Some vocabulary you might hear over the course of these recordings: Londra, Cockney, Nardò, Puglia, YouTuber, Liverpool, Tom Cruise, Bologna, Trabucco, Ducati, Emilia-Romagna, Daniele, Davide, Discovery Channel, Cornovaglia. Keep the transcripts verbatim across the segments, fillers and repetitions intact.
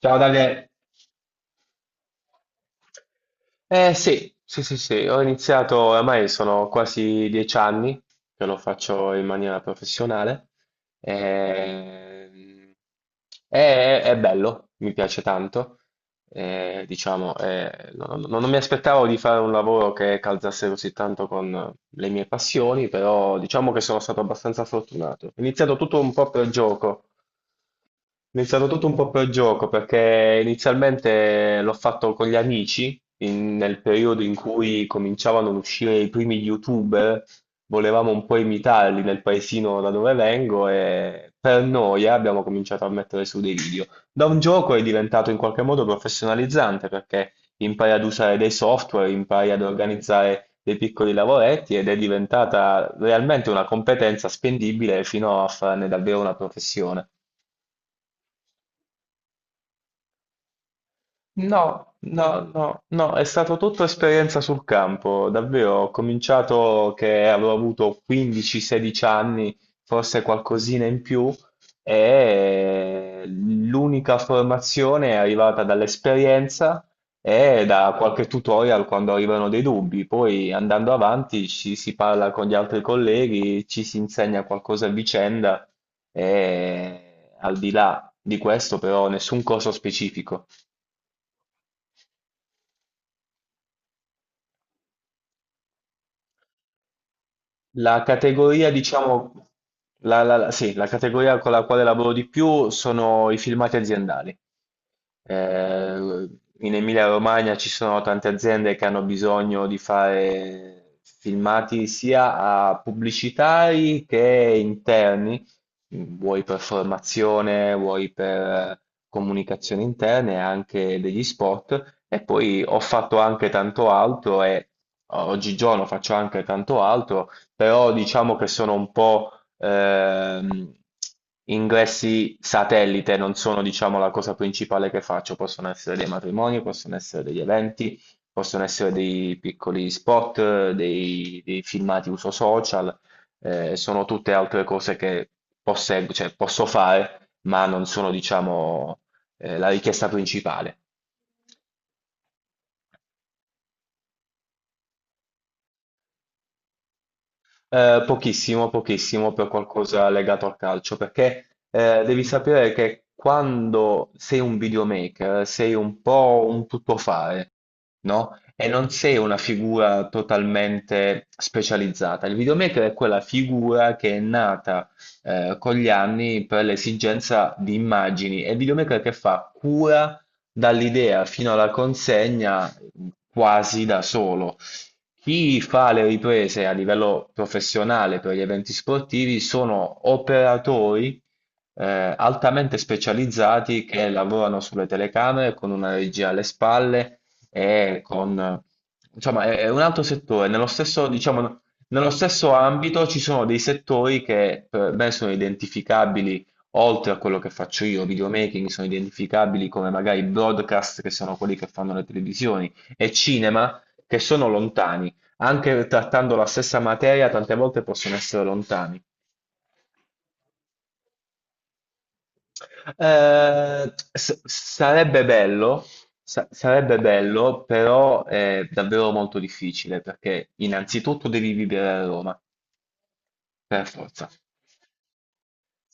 Ciao Daniele. Eh sì, sì, sì, sì, ho iniziato, ormai sono quasi dieci anni che lo faccio in maniera professionale. Ehm, È, è bello, mi piace tanto. Eh, diciamo, eh, non, non- non mi aspettavo di fare un lavoro che calzasse così tanto con le mie passioni, però diciamo che sono stato abbastanza fortunato. Ho iniziato tutto un po' per gioco, è iniziato tutto un po' per gioco perché inizialmente l'ho fatto con gli amici in- nel periodo in cui cominciavano ad uscire i primi YouTuber, volevamo un po' imitarli nel paesino da dove vengo e per noia abbiamo cominciato a mettere su dei video. Da un gioco è diventato in qualche modo professionalizzante perché impari ad usare dei software, impari ad organizzare dei piccoli lavoretti ed è diventata realmente una competenza spendibile fino a farne davvero una professione. No, no, no, no, è stato tutta esperienza sul campo, davvero. Ho cominciato che avevo avuto quindici o sedici anni, forse qualcosina in più, e l'unica formazione è arrivata dall'esperienza e da qualche tutorial quando arrivano dei dubbi. Poi andando avanti ci si parla con gli altri colleghi, ci si insegna qualcosa a vicenda e al di là di questo però nessun corso specifico. La categoria, diciamo, la, la- la- sì, la categoria con la quale lavoro di più sono i filmati aziendali. Eh, In Emilia-Romagna ci sono tante aziende che hanno bisogno di fare filmati sia a pubblicitari che interni, vuoi per formazione, vuoi per comunicazione interna e anche degli spot. E poi ho fatto anche tanto altro e oggigiorno faccio anche tanto altro, però diciamo che sono un po' ehm, ingressi satellite non sono, diciamo, la cosa principale che faccio. Possono essere dei matrimoni, possono essere degli eventi, possono essere dei piccoli spot, eh, dei, dei filmati uso social, eh, sono tutte altre cose che posseggo- cioè, posso fare, ma non sono, diciamo, eh, la richiesta principale. Eh, pochissimo, pochissimo per qualcosa legato al calcio, perché eh, devi sapere che quando sei un videomaker sei un po' un tuttofare, no? E non sei una figura totalmente specializzata. Il videomaker è quella figura che è nata eh, con gli anni per l'esigenza di immagini. È il videomaker che fa cura dall'idea fino alla consegna quasi da solo. Chi fa le riprese a livello professionale per gli eventi sportivi sono operatori eh, altamente specializzati che lavorano sulle telecamere con una regia alle spalle e con... Insomma, è, è un altro settore. Nello stesso, diciamo, nello stesso ambito ci sono dei settori che per me sono identificabili, oltre a quello che faccio io, videomaking, sono identificabili come magari broadcast, che sono quelli che fanno le televisioni, e cinema che sono lontani, anche trattando la stessa materia, tante volte possono essere lontani. Eh, s- sarebbe bello, sa- sarebbe bello, però è davvero molto difficile perché innanzitutto devi vivere a Roma, per forza.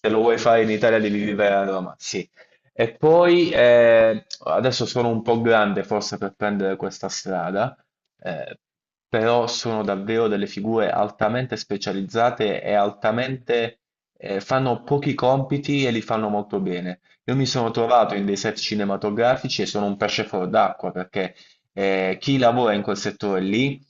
Se lo vuoi fare in Italia devi vivere a Roma, sì. E poi eh, adesso sono un po' grande forse per prendere questa strada, eh, però sono davvero delle figure altamente specializzate e altamente eh, fanno pochi compiti e li fanno molto bene. Io mi sono trovato in dei set cinematografici e sono un pesce fuor d'acqua perché eh, chi lavora in quel settore lì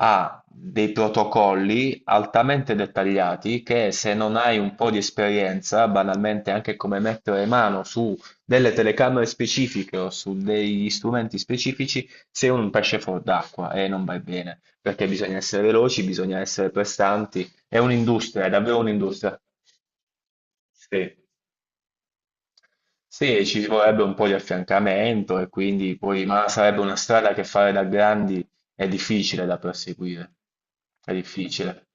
ha dei protocolli altamente dettagliati che se non hai un po' di esperienza, banalmente anche come mettere mano su delle telecamere specifiche o su degli strumenti specifici, sei un pesce fuor d'acqua e non vai bene, perché bisogna essere veloci, bisogna essere prestanti, è un'industria, è davvero un'industria. Sì. Sì, ci vorrebbe un po' di affiancamento e quindi poi, ma sarebbe una strada che fare da grandi è difficile da perseguire, è difficile.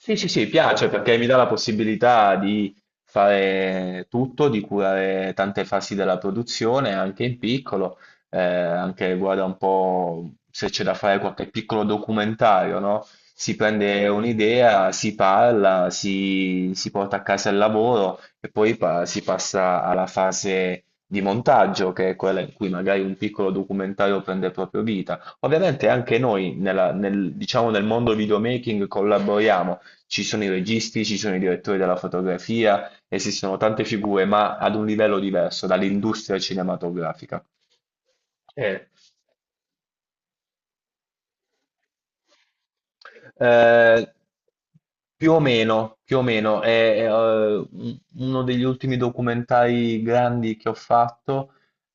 Sì, sì, sì, piace perché mi dà la possibilità di fare tutto, di curare tante fasi della produzione, anche in piccolo, eh, anche guarda un po' se c'è da fare qualche piccolo documentario, no? Si prende un'idea, si parla, si, si porta a casa il lavoro e poi pa- si passa alla fase di montaggio, che è quella in cui magari un piccolo documentario prende proprio vita. Ovviamente anche noi, nella- nel, diciamo, nel mondo videomaking collaboriamo, ci sono i registi, ci sono i direttori della fotografia, esistono tante figure, ma ad un livello diverso dall'industria cinematografica. Eh, Eh, Più o meno, più o meno, è, è, eh, un- uno degli ultimi documentari grandi che ho fatto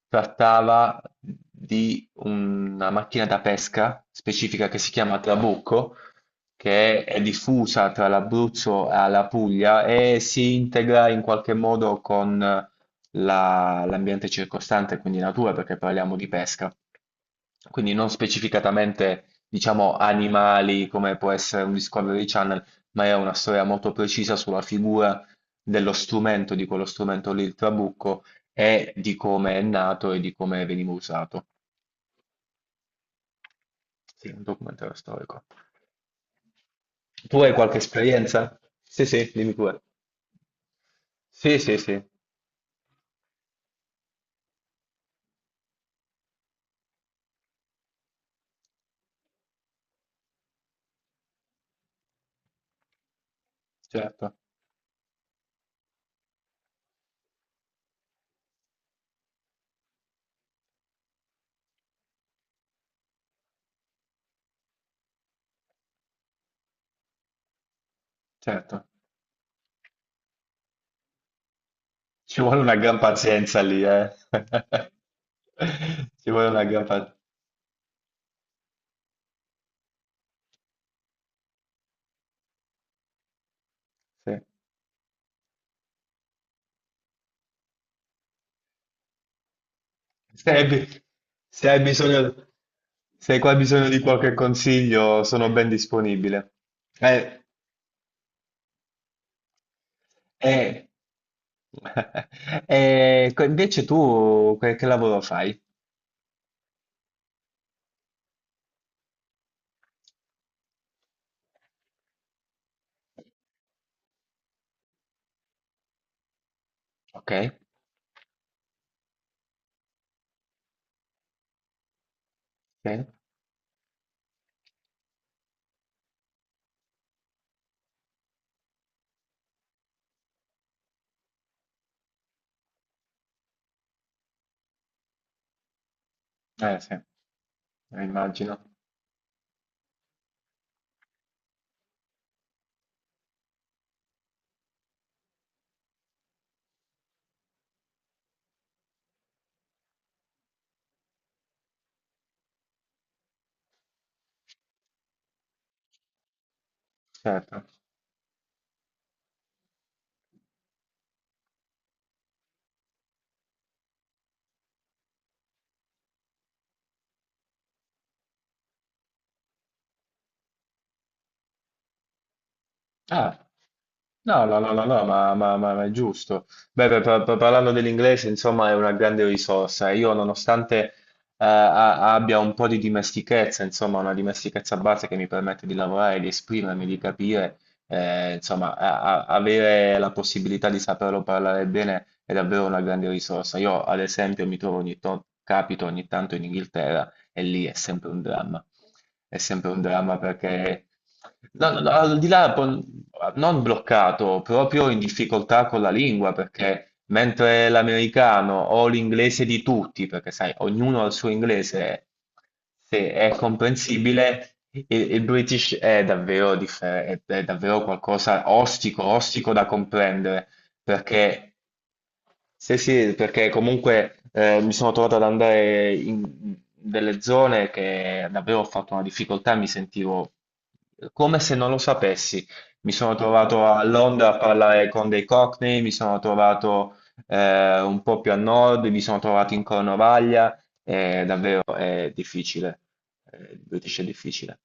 trattava di una macchina da pesca specifica che si chiama Trabucco, che è, è diffusa tra l'Abruzzo e la Puglia e si integra in qualche modo con la- l'ambiente circostante, quindi natura, perché parliamo di pesca, quindi non specificatamente diciamo animali come può essere un Discovery Channel, ma è una storia molto precisa sulla figura dello strumento, di quello strumento lì, il trabucco, e di come è nato e di come veniva usato. Sì, un documentario storico. Tu hai qualche esperienza? Sì, sì, dimmi pure. Sì, sì, sì, certo, certo. Ci vuole una gran pazienza lì, eh. Ci vuole una gran pazienza. Se hai, bi- Se hai bisogno, se hai qua bisogno di qualche consiglio, sono ben disponibile. Eh, eh, eh, co- Invece tu che, che lavoro fai? Ok, ok. Eh sì, immagino, certo. Ah, no, no, no, no, no, ma, ma- ma- ma è giusto. Beh, per- per- per- parlando dell'inglese, insomma, è una grande risorsa. Io, nonostante eh, a- abbia un po' di dimestichezza, insomma, una dimestichezza base che mi permette di lavorare, di esprimermi, di capire, eh, insomma, a- a- avere la possibilità di saperlo parlare bene è davvero una grande risorsa. Io, ad esempio, mi trovo ogni to- capito ogni tanto in Inghilterra e lì è sempre un dramma. È sempre un dramma perché, no, no, no, al di là, pon- non bloccato, proprio in difficoltà con la lingua, perché mentre l'americano o l'inglese di tutti, perché sai, ognuno ha il suo inglese, se è comprensibile, il, il British è davvero, differ- è è davvero qualcosa ostico, ostico da comprendere. Perché, sì, sì, perché comunque eh, mi sono trovato ad andare in delle zone che davvero ho fatto una difficoltà, mi sentivo come se non lo sapessi. Mi sono trovato a Londra a parlare con dei Cockney, mi sono trovato eh, un po' più a nord, mi sono trovato in Cornovaglia, eh, davvero è difficile. Eh, il British è difficile.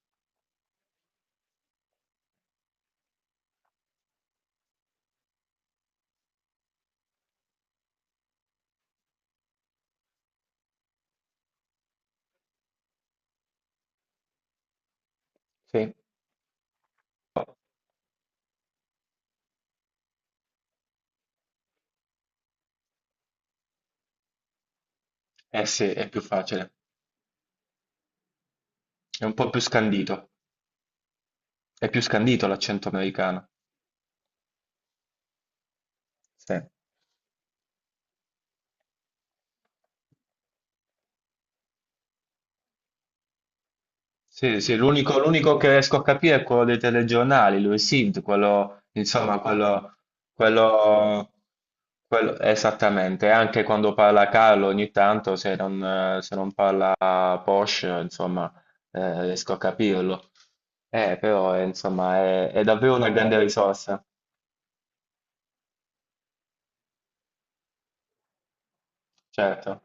Sì. Eh sì, è più facile, è un po' più scandito, è più scandito l'accento americano. Sì, sì, sì, l'unico l'unico che riesco a capire è quello dei telegiornali, lui Sid, quello, insomma, quello, quello, quello- esattamente, anche quando parla Carlo ogni tanto, se non, eh, se non parla Porsche, insomma, eh, riesco a capirlo. Eh, però, eh, insomma, è, è davvero una grande risorsa, certo.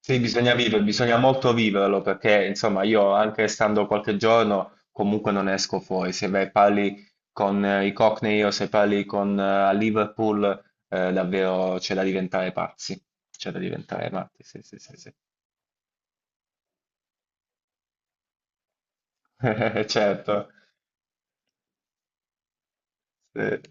Sì, bisogna vivere, bisogna molto viverlo perché insomma io anche stando qualche giorno comunque non esco fuori, se vai parli con eh, i Cockney o se parli con eh, a Liverpool, eh, davvero c'è da diventare pazzi, c'è da diventare matti, sì sì sì sì. Certo. Sì.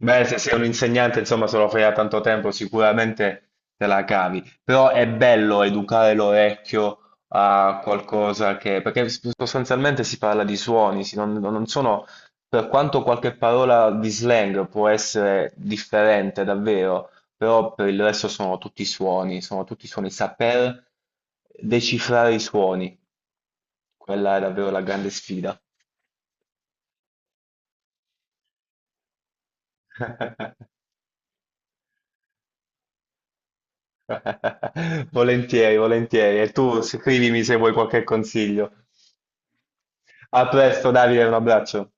Beh, se sei un insegnante, insomma, se lo fai da tanto tempo, sicuramente te la cavi. Però è bello educare l'orecchio a qualcosa che... perché sostanzialmente si parla di suoni, si- non, non, sono. Per quanto qualche parola di slang può essere differente, davvero, però per il resto sono tutti suoni, sono tutti suoni. Saper decifrare i suoni, quella è davvero la grande sfida. Volentieri, volentieri. E tu scrivimi se vuoi qualche consiglio. A presto, Davide, un abbraccio.